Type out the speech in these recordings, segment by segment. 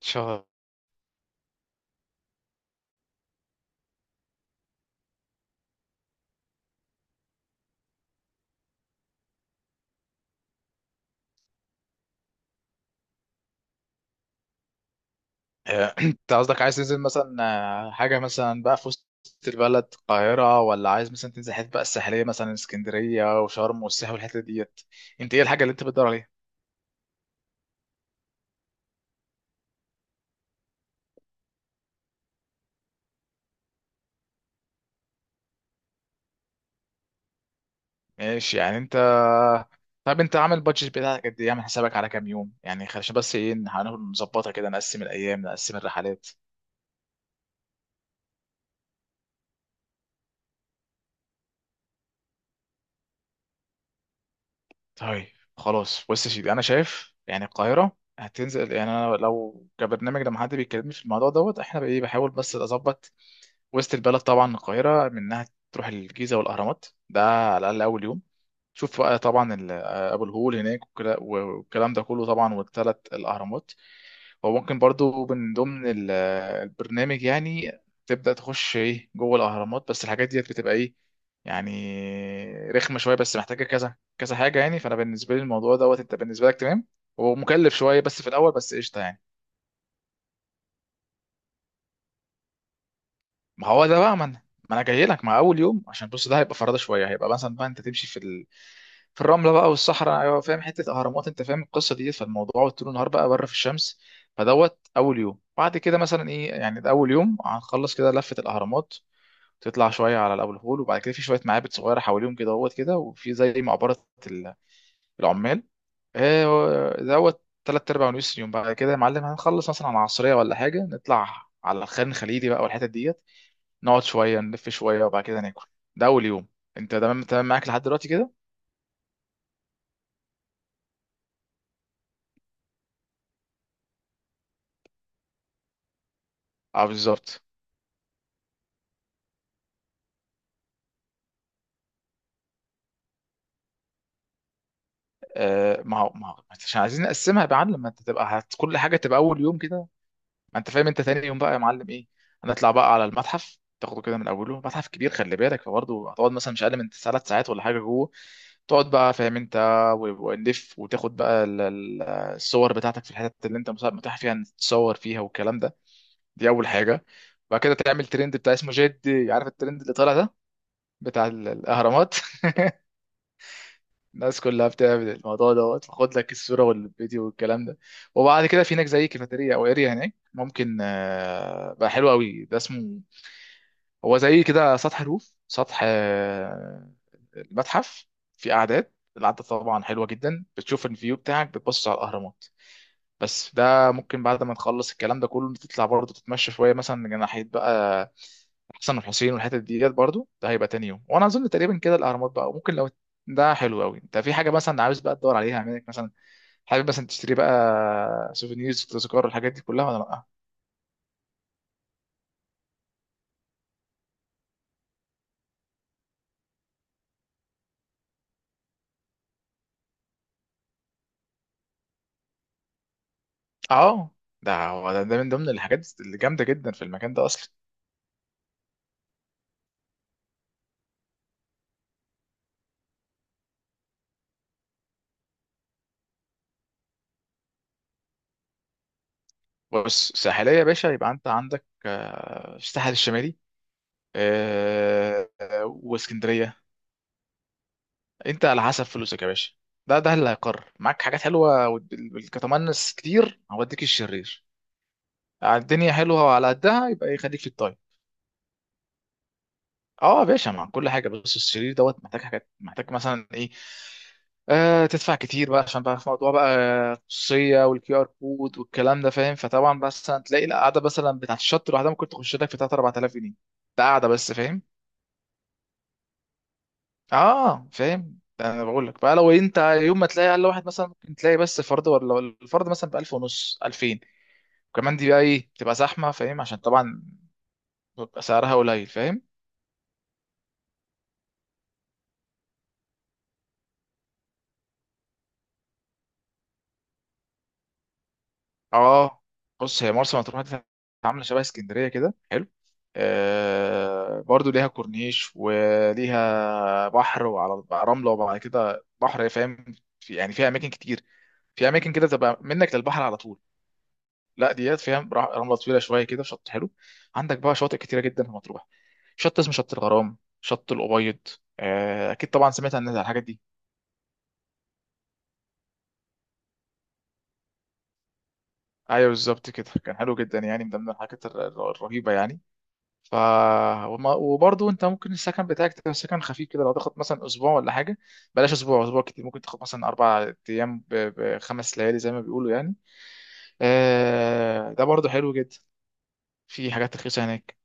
شهر. انت قصدك عايز تنزل مثلا حاجه مثلا بقى في وسط البلد، القاهره، ولا عايز مثلا تنزل حته بقى الساحليه، مثلا اسكندريه وشرم والساحل والحته ديت؟ انت ايه الحاجه اللي انت بتدور عليها؟ ماشي، يعني انت، طب انت عامل بادجت بتاعك قد ايه؟ عامل حسابك على كام يوم يعني؟ عشان بس ايه، إن هنقول نظبطها كده، نقسم الايام نقسم الرحلات. طيب، خلاص بص يا سيدي، انا شايف يعني القاهره هتنزل، يعني انا لو كبرنامج لما حد بيكلمني في الموضوع دوت، احنا بقى ايه، بحاول بس اظبط. وسط البلد طبعا، القاهرة منها تروح الجيزة والأهرامات ده على الأقل أول يوم. تشوف بقى طبعا أبو الهول هناك والكلام ده كله طبعا، والثلاث الأهرامات. وممكن برضو من ضمن البرنامج يعني تبدأ تخش إيه جوه الأهرامات، بس الحاجات ديت بتبقى إيه يعني رخمة شوية، بس محتاجة كذا كذا حاجة. يعني فأنا بالنسبة لي الموضوع دوت، أنت بالنسبة لك تمام. هو مكلف شوية بس في الأول، بس قشطة يعني. ما هو ده بقى، ما انا جاي لك مع اول يوم، عشان بص، ده هيبقى فرادة شويه، هيبقى مثلا بقى انت تمشي في ال... في الرمله بقى والصحراء، ايوه فاهم، حته اهرامات، انت فاهم القصه دي، فالموضوع طول النهار بقى بره في الشمس. فدوت اول يوم، بعد كده مثلا ايه، يعني ده اول يوم هنخلص كده لفه الاهرامات، تطلع شويه على الابو الهول، وبعد كده في شويه معابد صغيره حواليهم كده دوت كده، وفي زي مقبره ال- العمال. دوت تلات أرباع ونص يوم. بعد كده يا معلم هنخلص مثلا على العصرية ولا حاجة، نطلع على الخان الخليلي بقى والحتت ديت، نقعد شويه نلف شويه وبعد كده ناكل. ده اول يوم. انت تمام تمام معاك لحد دلوقتي كده؟ اه بالظبط. آه ما هو، ما هو عشان عايزين نقسمها يا معلم، لما انت تبقى هت... كل حاجه تبقى اول يوم كده ما انت فاهم. انت تاني يوم بقى يا معلم ايه، هنطلع بقى على المتحف، تاخده كده من اوله، متحف كبير خلي بالك، فبرضه هتقعد مثلا مش اقل من ثلاث ساعات ولا حاجه جوه. تقعد بقى فاهم انت، و- ونلف وتاخد بقى الصور بتاعتك في الحتت اللي انت مثلا متاح فيها تتصور فيها والكلام ده. دي اول حاجه. بعد كده تعمل ترند بتاع اسمه، جد عارف الترند اللي طالع ده بتاع الأهرامات؟ الناس كلها بتعمل الموضوع دوت، خد لك الصورة والفيديو والكلام ده. وبعد كده في هناك زي كافيتيريا أو اريا هناك، ممكن بقى حلو قوي، ده اسمه هو زي كده سطح، الروف سطح المتحف. في قعدات، القعدة طبعا حلوة جدا، بتشوف الفيو بتاعك، بتبص على الأهرامات. بس ده ممكن بعد ما نخلص الكلام ده كله، تطلع برضه تتمشى شويه مثلا جناحيه بقى، حسن الحسين والحتت ديت برضه. ده هيبقى تاني يوم، وانا اظن تقريبا كده الاهرامات بقى. وممكن لو، ده حلو قوي، انت في حاجه مثلا عاوز بقى تدور عليها منك مثلا، حابب مثلا تشتري بقى سوفينيرز، تذكار، الحاجات دي كلها ولا لا؟ اه، ده هو ده, ده من ضمن الحاجات اللي جامده جدا في المكان ده اصلا. بص ساحليه يا باشا، يبقى انت عندك الساحل الشمالي واسكندريه. انت على حسب فلوسك يا باشا، ده ده اللي هيقرر معاك. حاجات حلوه والكتمنس كتير هوديك الشرير على الدنيا حلوه، وعلى قدها يبقى يخليك في الطيب. اه يا باشا، مع كل حاجه. بس الشرير دوت محتاج حاجات، محتاج مثلا ايه، آه تدفع كتير بقى، عشان بقى في موضوع بقى الخصوصيه والكيو ار كود والكلام ده فاهم. فطبعا بس هتلاقي القعده مثلا بتاعت الشط لوحدها ممكن تخش لك في 3 4000 جنيه، ده قاعده بس فاهم. اه فاهم، انا بقول لك بقى لو انت يوم ما تلاقي اقل، واحد مثلا ممكن تلاقي بس فرد، ولا الفرد مثلا ب 1000 ونص 2000، وكمان دي بقى ايه بتبقى زحمه فاهم، عشان طبعا بيبقى سعرها قليل فاهم. اه. بص هي مرسى مطروح دي عامله شبه اسكندريه كده، حلو، آه برضو ليها كورنيش وليها بحر، وعلى رمله وبعد كده بحر فاهم. في يعني فيها اماكن كتير، في اماكن كده تبقى منك للبحر على طول، لا ديات فيها رمله طويله شويه كده، شط حلو. عندك بقى شواطئ كتيره جدا في مطروح، شط اسمه شط الغرام، شط الأبيض. اكيد طبعا سمعت عن الحاجات دي. ايوه بالظبط كده، كان حلو جدا، يعني من ضمن الحاجات الرهيبه يعني. ف وبرضه انت ممكن السكن بتاعك تبقى سكن خفيف كده، لو تاخد مثلا اسبوع ولا حاجه، بلاش اسبوع، اسبوع كتير، ممكن تاخد مثلا اربع ايام بخمس ليالي زي ما بيقولوا يعني. ده برضه حلو جدا، في حاجات رخيصه هناك.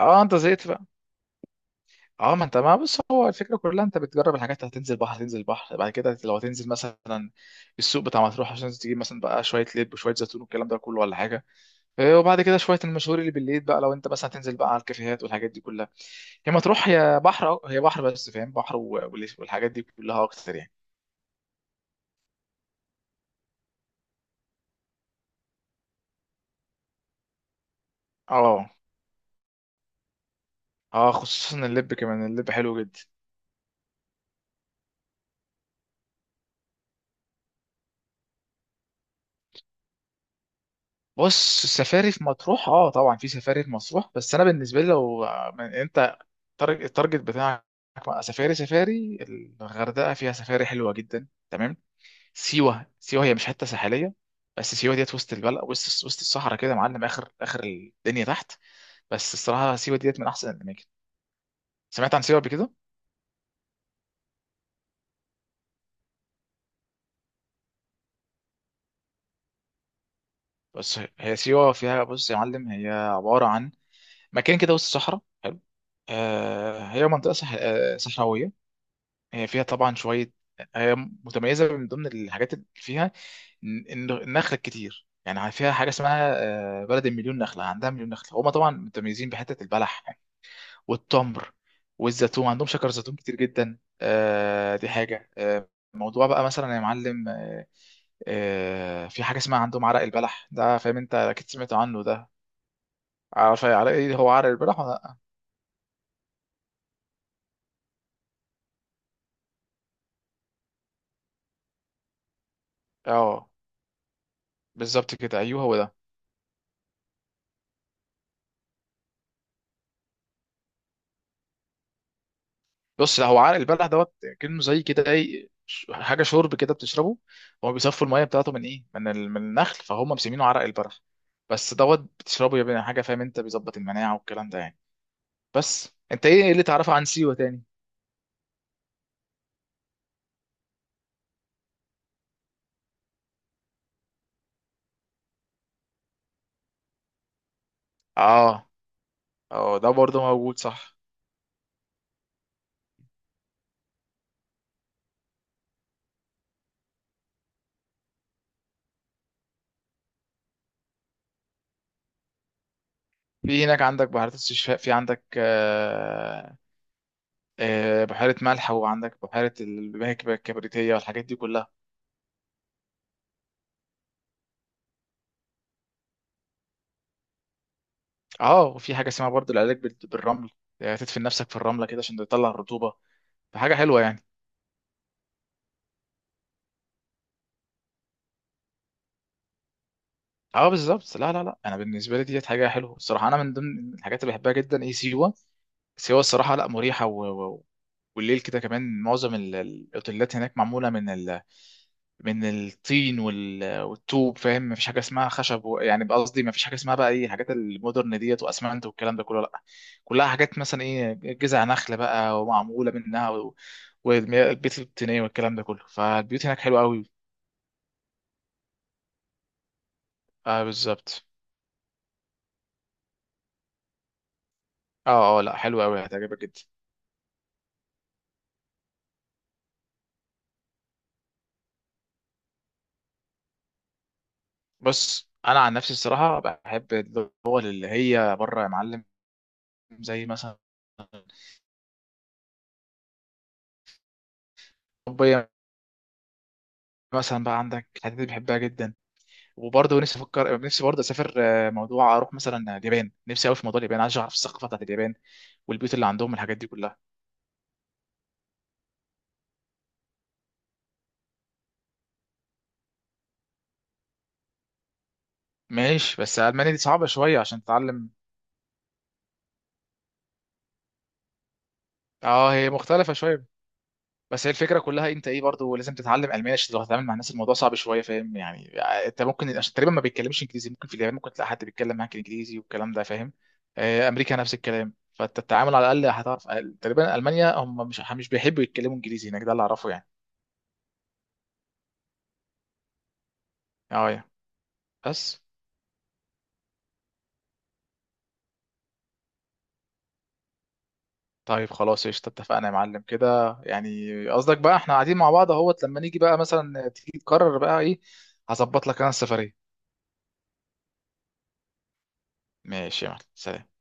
اه انت زهقت، اه ما انت، ما بص هو الفكره كلها، انت بتجرب الحاجات، هتنزل بحر هتنزل بحر، بعد كده لو هتنزل مثلا السوق بتاع مطروح، عشان تجيب مثلا بقى شويه لب وشويه زيتون والكلام ده كله ولا حاجه. إيه، وبعد كده شويه المشهور اللي بالليل بقى، لو انت مثلا هتنزل بقى على الكافيهات والحاجات دي كلها. هي مطروح هي بحر، أه، هي بحر بس فاهم، بحر والحاجات دي كلها اكتر يعني. اه اه، خصوصا اللب، كمان اللب حلو جدا. بص السفاري في مطروح اه طبعا في سفاري في مطروح، بس انا بالنسبه لي لو انت التارجت بتاعك بقى سفاري سفاري، الغردقه فيها سفاري حلوه جدا تمام. سيوه، سيوه هي مش حته ساحليه، بس سيوه ديت وسط البلد، وسط الصحراء كده يا معلم، اخر الدنيا تحت. بس الصراحه سيوه ديت من احسن الاماكن. سمعت عن سيوه قبل كده؟ بس هي سيوه فيها، بص يا معلم هي عباره عن مكان كده وسط الصحراء حلو، آه هي منطقه صح... آه صحراويه. هي فيها طبعا شوية، هي متميزة من ضمن الحاجات اللي فيها إن النخل كتير، يعني فيها حاجة اسمها بلد المليون نخلة، عندها مليون نخلة. هما طبعا متميزين بحتة البلح والتمر والزيتون، عندهم شجر زيتون كتير جدا. دي حاجة، موضوع بقى مثلا يا معلم، في حاجة اسمها عندهم عرق البلح ده فاهم، انت اكيد سمعت عنه ده. عارف عرق ايه هو، عرق البلح، ولا لأ؟ اه بالظبط كده، ايوه هو ده. بص هو عرق البلح دوت كأنه زي كده ايه، حاجه شرب كده بتشربه. هو بيصفوا الميه بتاعته من ايه، من من النخل، فهم مسمينه عرق البلح. بس دوت بتشربه يبقى حاجه فاهم انت، بيظبط المناعه والكلام ده يعني. بس انت ايه، إيه اللي تعرفه عن سيوه تاني؟ اه اه، ده برضه موجود صح. في هناك عندك بحيرات استشفاء، في عندك آه آه بحيره ملح، وعندك بحيره المهكبه الكبريتيه والحاجات دي كلها. اه، وفي حاجه اسمها برضه العلاج بالرمل، تدفن نفسك في الرمله كده عشان تطلع الرطوبه، فحاجه حلوه يعني. اه بالظبط، لا لا لا، انا بالنسبه لي ديت حاجه حلوه الصراحه، انا من ضمن الحاجات اللي بحبها جدا ايه سيوه. سيوه الصراحه لا مريحه و... و... والليل كده كمان، معظم الاوتيلات هناك معموله من ال... من الطين والطوب فاهم، مفيش حاجه اسمها خشب و... يعني قصدي مفيش حاجه اسمها بقى ايه الحاجات المودرن ديت، واسمنت والكلام ده كله، لا، كلها حاجات مثلا ايه، جذع نخل بقى ومعموله منها و... والبيت الطينيه والكلام ده كله، فالبيوت هناك حلوه قوي. اه بالظبط. اه اه لا، حلوة قوي هتعجبك جدا. بص انا عن نفسي الصراحه بحب الدول اللي هي بره يا معلم، زي مثلا اوروبيه، مثلا بقى عندك الحتت دي بحبها جدا. وبرضه نفسي افكر، نفسي برضه اسافر، موضوع اروح مثلا اليابان، نفسي قوي في موضوع اليابان، عايز اعرف الثقافه بتاعت اليابان، والبيوت اللي عندهم الحاجات دي كلها. ماشي، بس المانيا دي صعبه شويه عشان تتعلم. اه هي مختلفه شويه، بس هي الفكره كلها انت ايه، برضو لازم تتعلم الماني عشان لو هتتعامل مع الناس، الموضوع صعب شويه فاهم يعني. انت ممكن، عشان تقريبا ما بيتكلمش انجليزي، ممكن في اليابان ممكن تلاقي حد بيتكلم معاك انجليزي والكلام ده فاهم. امريكا نفس الكلام، فانت التعامل على الاقل هتعرف. تقريبا المانيا هم مش بيحبوا يتكلموا انجليزي هناك، ده اللي اعرفه يعني. اه يا. بس طيب خلاص، قشطة اتفقنا يا معلم كده، يعني قصدك بقى احنا قاعدين مع بعض اهوت، لما نيجي بقى مثلا تيجي تقرر بقى ايه، هظبط لك انا السفرية. ماشي يا معلم، سلام.